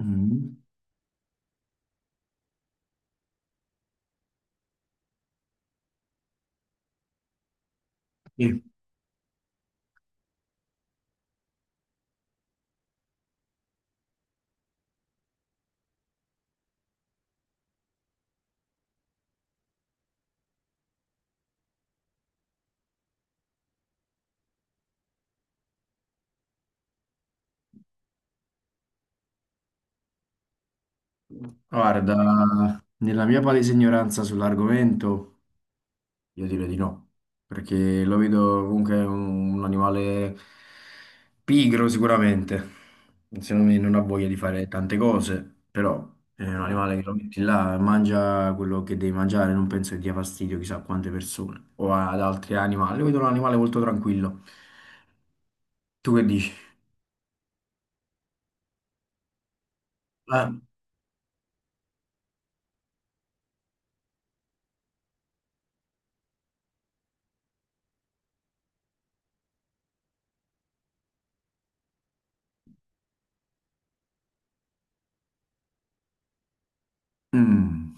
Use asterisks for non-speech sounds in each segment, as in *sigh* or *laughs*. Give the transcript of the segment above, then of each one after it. Mm. Sì. Guarda, nella mia palese ignoranza sull'argomento, io direi di no, perché lo vedo comunque un animale pigro sicuramente, secondo me non ha voglia di fare tante cose, però è un animale che lo metti là, mangia quello che devi mangiare, non penso che dia fastidio chissà a quante persone o ad altri animali, lo vedo un animale molto tranquillo. Tu che dici? Ah, mm.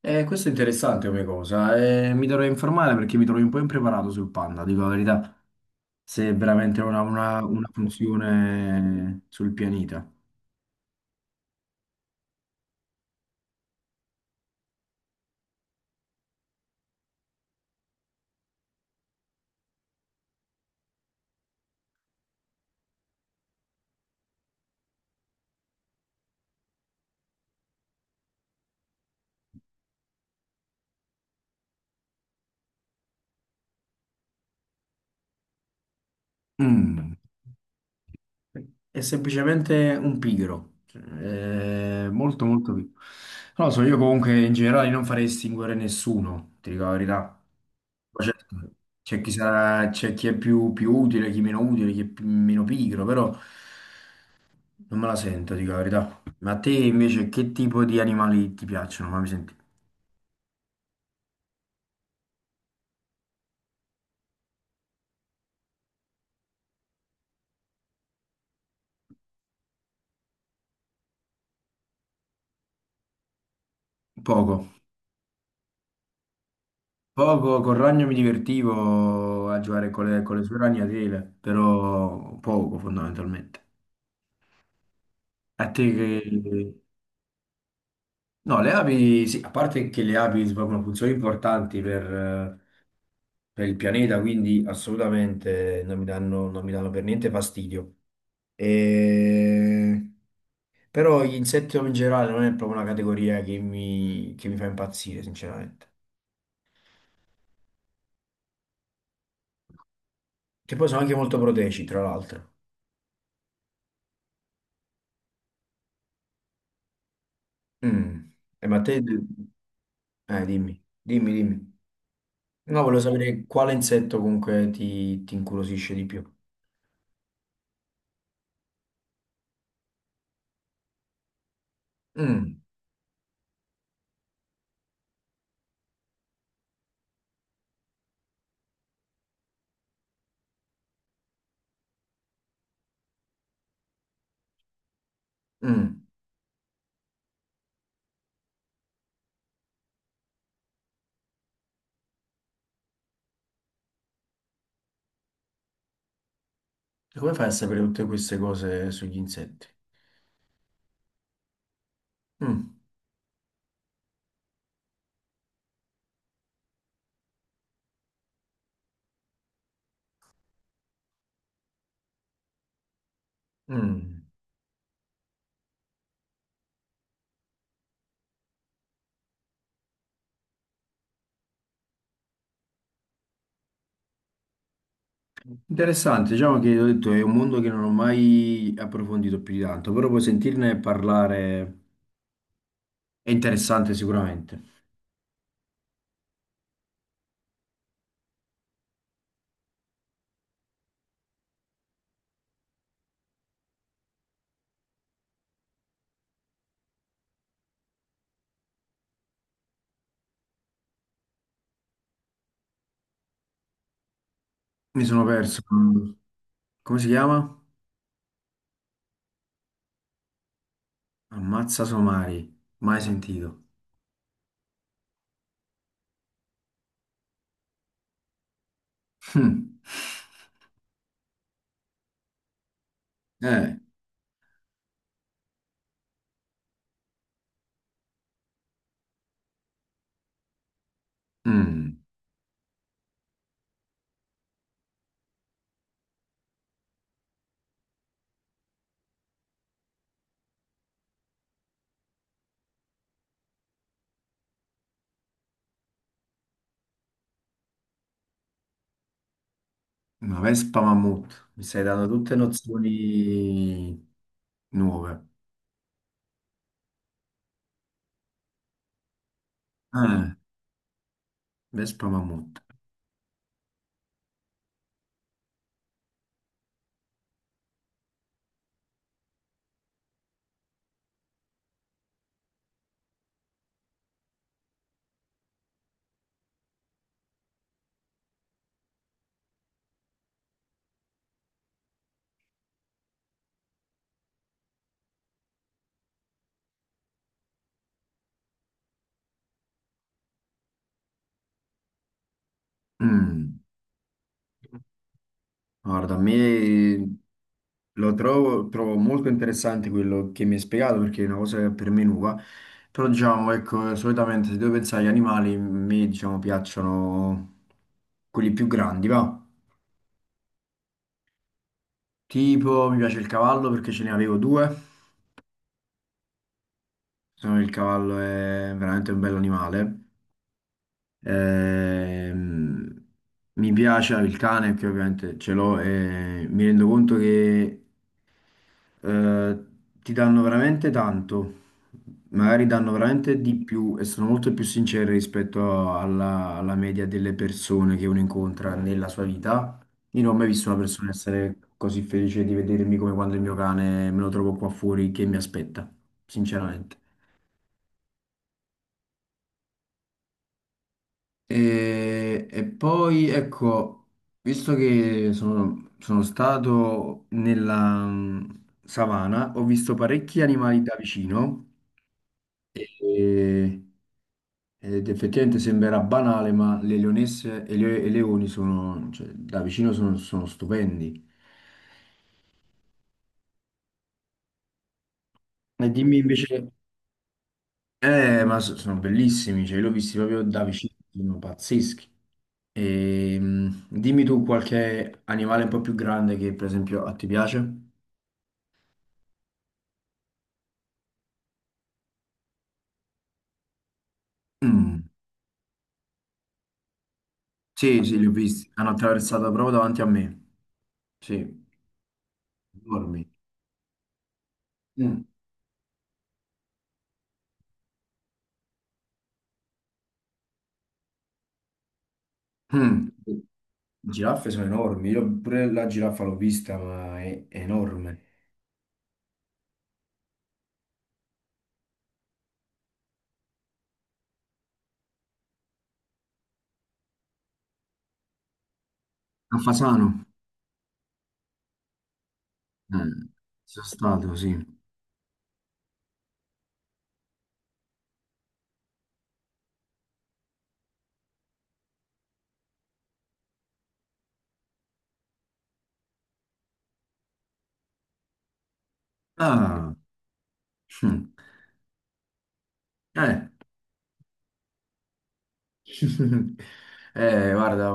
Questo è interessante come cosa. Mi dovrei informare perché mi trovo un po' impreparato sul panda, dico la verità, se è veramente una funzione sul pianeta. Mm, È semplicemente un pigro, cioè, è molto molto pigro. Non lo so, io comunque in generale non farei estinguere nessuno, ti dico la verità. Poi certo, c'è chi sarà, c'è chi è più utile, chi meno utile, chi è meno pigro, però. Non me la sento, dico la verità. Ma a te invece che tipo di animali ti piacciono? Fammi sentire. Poco. Poco, col ragno mi divertivo a giocare con le sue ragnatele, però poco fondamentalmente. A te che. No, le api, sì, a parte che le api svolgono funzioni importanti per il pianeta, quindi assolutamente non mi danno per niente fastidio. E. Però gli insetti in generale non è proprio una categoria che mi fa impazzire, sinceramente. Che poi sono anche molto proteici, tra l'altro. Mm. Ma te. Dimmi, dimmi, dimmi. No, volevo sapere quale insetto comunque ti incuriosisce di più. Mm, mm. E come fai a sapere tutte queste cose sugli insetti? Mm, mm. Interessante, diciamo che ho detto, è un mondo che non ho mai approfondito più di tanto, però poi sentirne parlare è interessante sicuramente. Mi sono perso. Come si chiama? Ammazza somari, mai sentito. *laughs* Hmm. Eh, mm, una Vespa Mammut, mi stai dando tutte nozioni nuove. Ah, Vespa Mammut. Mm, Guarda, a me trovo molto interessante quello che mi hai spiegato perché è una cosa che per me è nuova, però diciamo, ecco, solitamente se devo pensare agli animali, a me diciamo piacciono quelli più grandi, va. Tipo, mi piace il cavallo perché ce ne avevo due. Secondo me il cavallo è veramente un bell'animale. Ehm, mi piace il cane che ovviamente ce l'ho e mi rendo conto che eh, ti danno veramente tanto, magari danno veramente di più e sono molto più sinceri rispetto alla media delle persone che uno incontra nella sua vita. Io non ho mai visto una persona essere così felice di vedermi come quando il mio cane me lo trovo qua fuori che mi aspetta, sinceramente. E poi ecco, visto che sono stato nella savana, ho visto parecchi animali da vicino e- ed effettivamente sembrerà banale, ma le leonesse e e i leoni sono, cioè, da vicino sono stupendi. E dimmi invece, ma sono bellissimi, cioè, li ho visti proprio da vicino, sono pazzeschi. E, dimmi tu qualche animale un po' più grande che per esempio a ti piace? Mm, sì, sì, li ho visti. Hanno attraversato proprio davanti a me. Sì, enormi. Mm, mm. Le giraffe sono enormi. Io pure la giraffa l'ho vista, ma è enorme. A Fasano? Eh, sono stato, sì. Ah, mm. Eh, *laughs* guarda,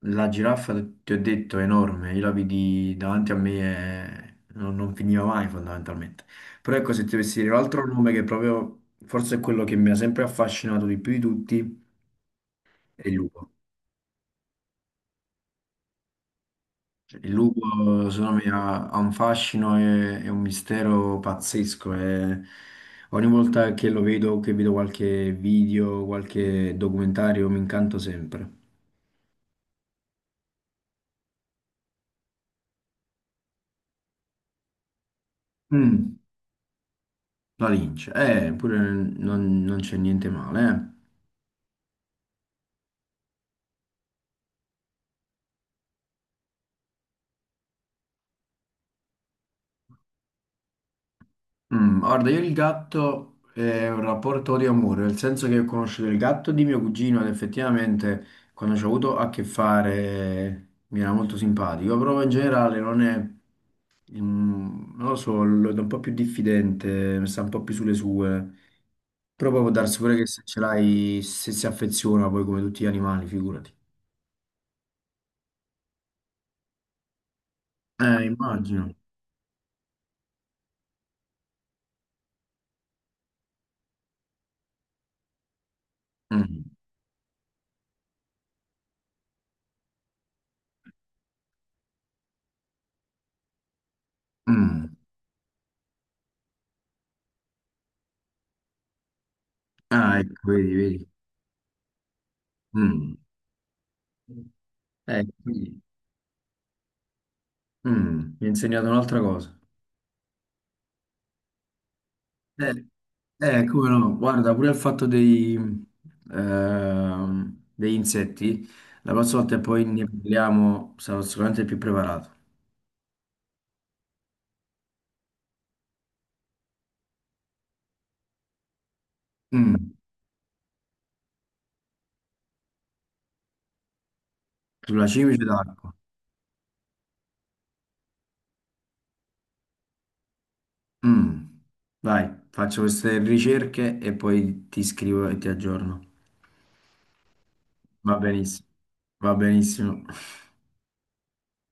la giraffa, ti ho detto, è enorme. Io la vidi davanti a me e non finiva mai, fondamentalmente. Però ecco, se ti dovessi dire un altro nome che proprio, forse è quello che mi ha sempre affascinato di più di tutti, è il lupo. Cioè, il lupo, secondo me, ha un fascino e un mistero pazzesco. E ogni volta che lo vedo, che vedo qualche video, qualche documentario, mi incanto sempre. Mm. La lince, pure non c'è niente male. Guarda, io il gatto è un rapporto di amore, nel senso che ho conosciuto il gatto di mio cugino ed effettivamente quando ci ho avuto a che fare mi era molto simpatico, però in generale non è, non lo so, lo vedo un po' più diffidente, sta un po' più sulle sue, però poi può darsi pure che se ce l'hai, se si affeziona poi come tutti gli animali, figurati. Immagino. Mm, mm. Ah, ecco, vedi, vedi. Mm. Sì. Mi ha insegnato un'altra cosa. Eh, come no? Guarda, pure il fatto degli insetti, la prossima volta che poi ne parliamo sarò sicuramente più preparato. Mm, sulla cimice d'acqua. Mm. Vai, faccio queste ricerche e poi ti scrivo e ti aggiorno. Va benissimo. Va benissimo.